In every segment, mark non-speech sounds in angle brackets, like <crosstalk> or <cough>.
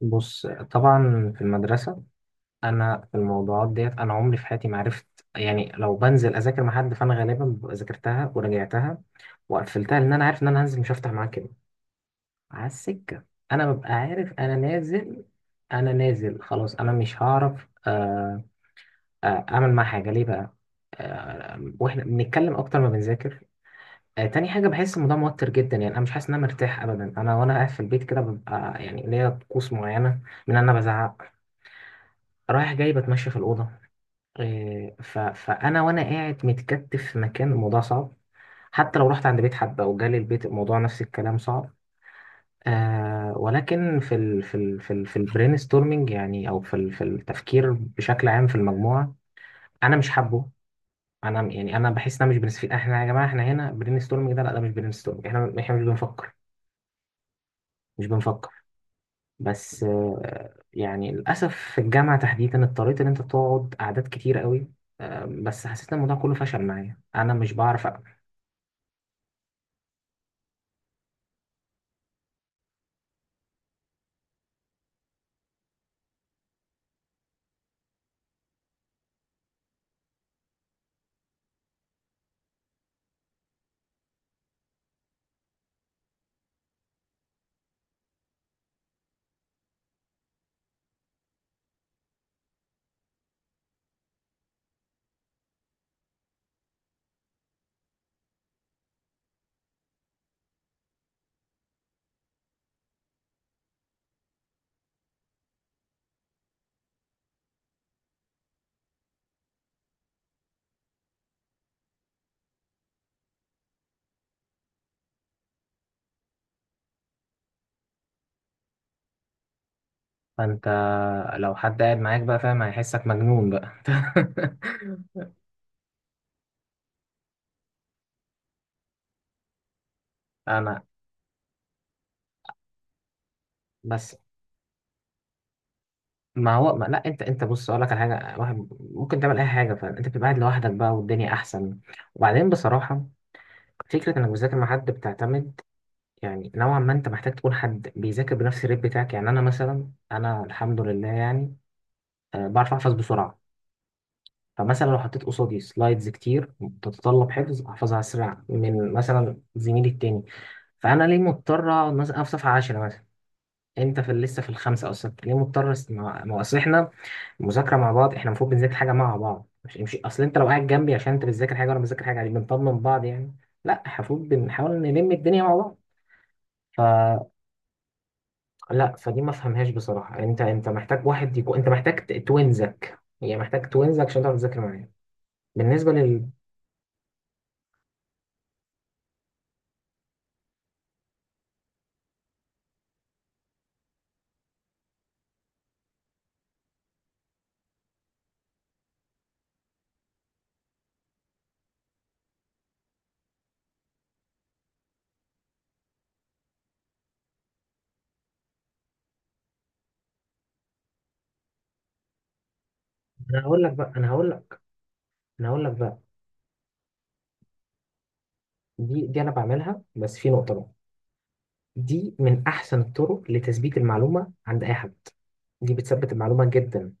بص، طبعا في المدرسة، أنا في الموضوعات ديت أنا عمري في حياتي ما عرفت. يعني لو بنزل أذاكر مع حد فأنا غالبا ببقى ذاكرتها وراجعتها وقفلتها، لأن أنا عارف إن أنا هنزل مش هفتح معاه كده على السكة. أنا ببقى عارف أنا نازل، أنا نازل خلاص، أنا مش هعرف أعمل معاه حاجة ليه بقى؟ وإحنا بنتكلم أكتر ما بنذاكر. تاني حاجة، بحس الموضوع موتر جدا، يعني أنا مش حاسس إن أنا مرتاح أبدا. أنا وأنا قاعد في البيت كده ببقى يعني ليا طقوس معينة، من إن أنا بزعق رايح جاي، بتمشى في الأوضة. فأنا وأنا قاعد متكتف في مكان، الموضوع صعب. حتى لو رحت عند بيت حد أو جالي البيت، الموضوع نفس الكلام، صعب. آه، ولكن في البرين ستورمينج، يعني، أو في التفكير بشكل عام في المجموعة، أنا مش حابه. أنا يعني أنا بحس إن أنا مش بنستفيد. إحنا يا جماعة، إحنا هنا برين ستورمينج ده؟ لا، ده مش برين ستورمينج. إحنا مش بنفكر. بس آه، يعني للأسف في الجامعة تحديدا اضطريت إن أنت تقعد قعدات كتير قوي، بس حسيت ان الموضوع كله فشل معايا. انا مش بعرف اقنع. فانت لو حد قاعد معاك بقى فاهم، هيحسك مجنون بقى. <laughs> انا بس، ما هو، ما لا، انت بص، اقول لك على حاجه. واحد ممكن تعمل اي حاجه، فانت بتبقى قاعد لوحدك بقى والدنيا احسن. وبعدين بصراحه، فكره انك بتذاكر مع حد بتعتمد، يعني نوعا ما انت محتاج تكون حد بيذاكر بنفس الريت بتاعك. يعني انا مثلا، انا الحمد لله يعني بعرف احفظ بسرعه. فمثلا لو حطيت قصادي سلايدز كتير بتتطلب حفظ، احفظها اسرع من مثلا زميلي التاني. فانا ليه مضطر اقعد، مثلا أنا في صفحه 10 مثلا، انت في لسه في الخمسه او السته؟ ليه مضطر ما هو اصل احنا مذاكره مع بعض، احنا المفروض بنذاكر حاجه مع بعض، مش اصل انت لو قاعد جنبي عشان انت بتذاكر حاجه وانا بذاكر حاجه، يعني بنطمن بعض يعني. لا، المفروض بنحاول نلم الدنيا مع بعض. فلا، فدي ما فهمهاش بصراحه. انت محتاج واحد يكون، انت محتاج توينزك، يعني محتاج توينزك عشان تعرف تذاكر معايا. بالنسبه، انا هقول لك بقى انا هقول لك انا هقول لك بقى. دي انا بعملها، بس في نقطه بقى، دي من احسن الطرق لتثبيت المعلومه عند اي حد، دي بتثبت المعلومه جدا.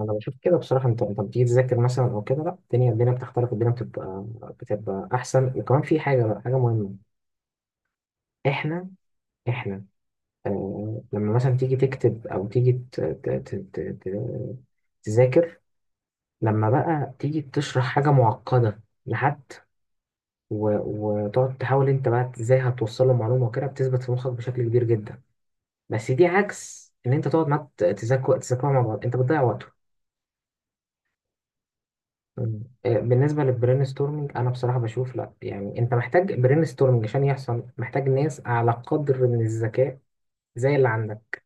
انا بشوف كده بصراحه، انت بتيجي تذاكر مثلا او كده، لا، الدنيا بتختلف، الدنيا بتبقى احسن. وكمان في حاجه بقى، حاجه مهمه، احنا احنا آه لما مثلا تيجي تكتب او تيجي تذاكر، لما بقى تيجي تشرح حاجه معقده لحد، و- وتقعد تحاول انت بقى ازاي هتوصل له معلومه وكده، بتثبت في مخك بشكل كبير جدا. بس دي عكس ان انت تقعد معاه تذاكر مع بعض انت بتضيع وقته. بالنسبه للبرين ستورمنج انا بصراحه بشوف لا، يعني انت محتاج برين ستورمنج عشان يحصل، محتاج ناس على قدر من الذكاء زي اللي عندك،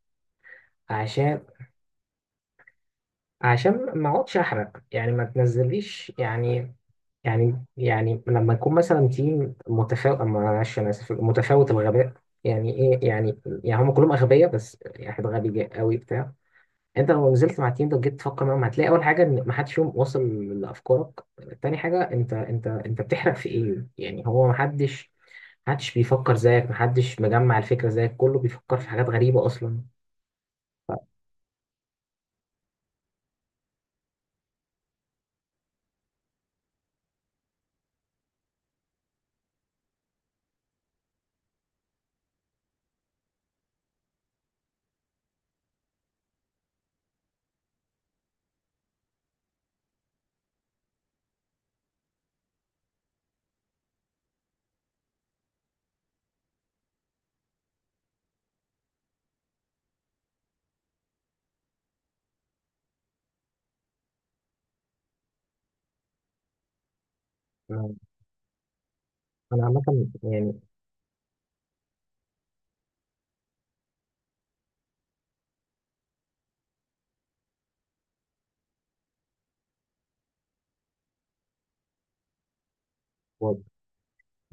عشان عشان ما اقعدش احرق، يعني ما تنزليش يعني لما يكون مثلا تيم متفاوت، معلش انا اسف، متفاوت الغباء. يعني ايه؟ يعني، يعني هم كلهم اغبياء بس يعني واحد غبي قوي بتاع. انت لو نزلت مع التيم ده وجيت تفكر معاهم، هتلاقي اول حاجه ان ما حدش فيهم واصل لافكارك. تاني حاجه، انت بتحرق في ايه؟ يعني هو ما حدش بيفكر زيك، ما حدش مجمع الفكره زيك، كله بيفكر في حاجات غريبه اصلا. انا أنا عامه يعني.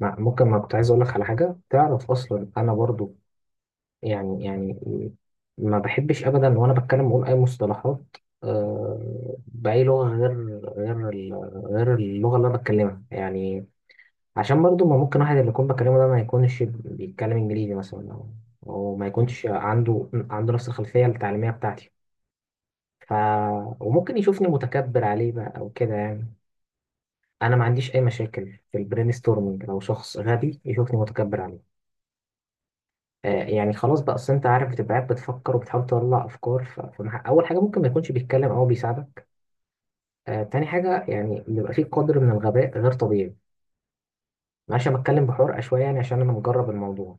ممكن، ما كنت عايز اقول لك على حاجه، تعرف اصلا انا برضو يعني، ما بحبش ابدا وانا بتكلم اقول اي مصطلحات آه، باي لغه غير اللغه اللي انا بتكلمها يعني، عشان برضو ما ممكن واحد اللي يكون بكلمه ده ما يكونش بيتكلم انجليزي مثلا او أو ما يكونش عنده نفس الخلفيه التعليميه بتاعتي. ف وممكن يشوفني متكبر عليه بقى او كده يعني. انا ما عنديش اي مشاكل في البرين ستورمنج لو شخص غبي يشوفني متكبر عليه. آه، يعني خلاص بقى، اصل انت عارف بتبقى قاعد بتفكر وبتحاول تطلع افكار، اول حاجه ممكن ما يكونش بيتكلم او بيساعدك، آه، تاني حاجه يعني بيبقى فيه قدر من الغباء غير طبيعي. معلش انا بتكلم بحرقه شويه يعني عشان انا مجرب الموضوع.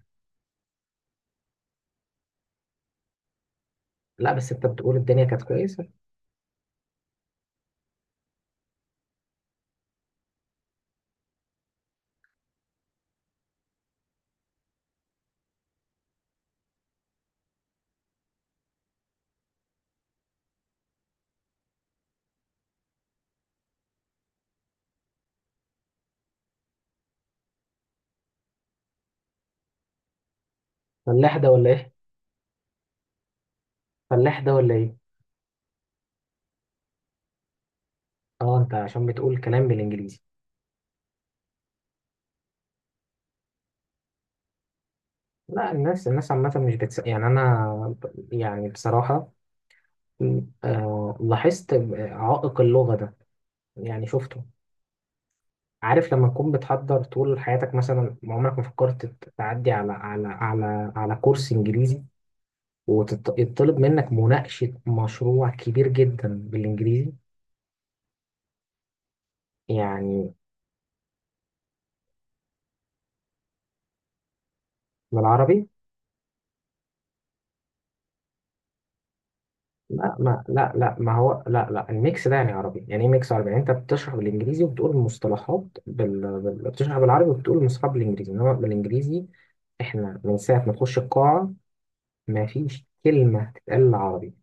لا، بس انت بتقول الدنيا كانت كويسه. فلاح ده ولا ايه؟ فلاح ده ولا ايه؟ اه، انت عشان بتقول كلام بالانجليزي. لا، الناس، الناس عامه مش يعني انا، يعني بصراحه، آه، لاحظت عائق اللغه ده، يعني شفته. عارف لما تكون بتحضر طول حياتك مثلا ما عمرك ما فكرت تعدي على على على على كورس انجليزي، ويطلب منك مناقشة مشروع كبير جدا بالانجليزي، يعني. بالعربي. لا، ما لا لا، ما هو، لا لا، الميكس ده يعني عربي؟ يعني ايه ميكس عربي؟ يعني انت بتشرح بالانجليزي وبتقول المصطلحات بتشرح بالعربي وبتقول المصطلحات بالانجليزي، انما بالانجليزي احنا، من ساعة ما تخش القاعة ما فيش كلمة تتقال عربي،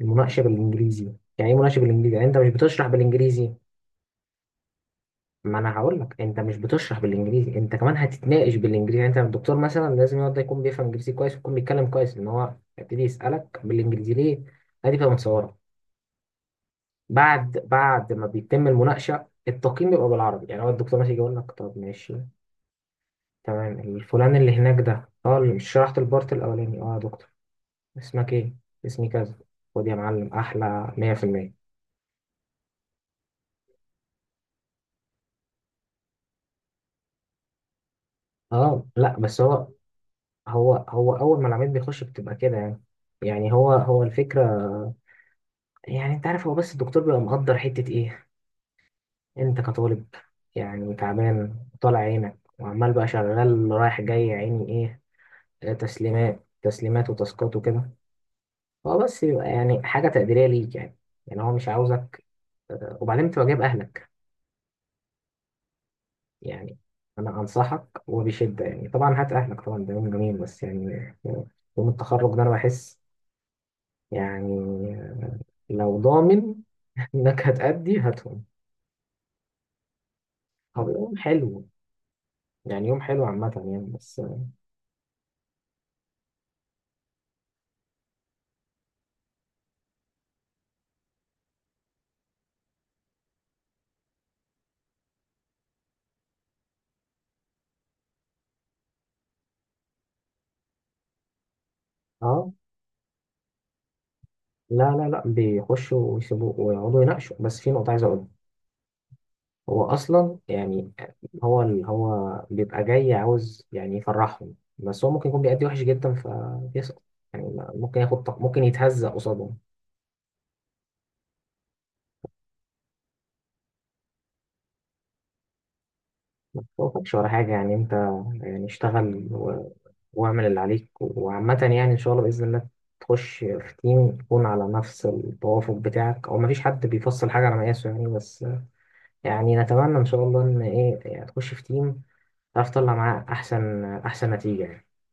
المناقشه بالانجليزي. يعني ايه مناقشه بالانجليزي؟ يعني انت مش بتشرح بالانجليزي، ما انا هقول لك انت مش بتشرح بالانجليزي، انت كمان هتتناقش بالانجليزي. يعني انت الدكتور مثلا لازم يقعد يكون بيفهم انجليزي كويس، ويكون بيتكلم كويس، ان هو يبتدي يسالك بالانجليزي ليه. ادي بقى متصوره. بعد ما بيتم المناقشه التقييم بيبقى بالعربي. يعني هو الدكتور مثلا يجي يقول لك، طب ماشي، تمام، الفلان اللي هناك ده، اه اللي مش شرحت البارت الاولاني، اه يا دكتور، اسمك ايه؟ اسمي كذا. خد يا معلم احلى 100%. اه لا بس هو اول ما العميل بيخش بتبقى كده يعني. يعني هو الفكره، يعني انت عارف هو بس الدكتور بيبقى مقدر حته ايه؟ انت كطالب يعني تعبان، طالع عينك وعمال بقى شغال رايح جاي يا عيني، ايه؟ آه، تسليمات وتاسكات وكده. هو بس يبقى يعني حاجه تقديريه ليك يعني. يعني هو مش عاوزك، وبعدين تبقى جايب اهلك يعني. انا انصحك وبشده يعني، طبعا هات اهلك، طبعا ده يوم جميل، بس يعني يوم التخرج ده انا بحس يعني، لو ضامن انك هتأدي، هاتهم، طب يوم حلو، يعني يوم حلو عامة يعني. بس اه، لا لا لا، بيخشوا ويسيبوا ويقعدوا يناقشوا، بس في نقطة عايز اقولها. هو اصلا يعني، هو بيبقى جاي عاوز يعني يفرحهم، بس هو ممكن يكون بيأدي وحش جدا فبيسقط، يعني ممكن ياخد ممكن يتهزق قصادهم. هو ما فيش ولا حاجة، يعني انت يعني اشتغل واعمل اللي عليك وعامة، يعني إن شاء الله بإذن الله تخش في تيم يكون على نفس التوافق بتاعك، أو مفيش حد بيفصل حاجة على مقاسه يعني، بس يعني نتمنى إن شاء الله إن إيه، يعني تخش في تيم تعرف تطلع معاه أحسن، أحسن نتيجة يعني.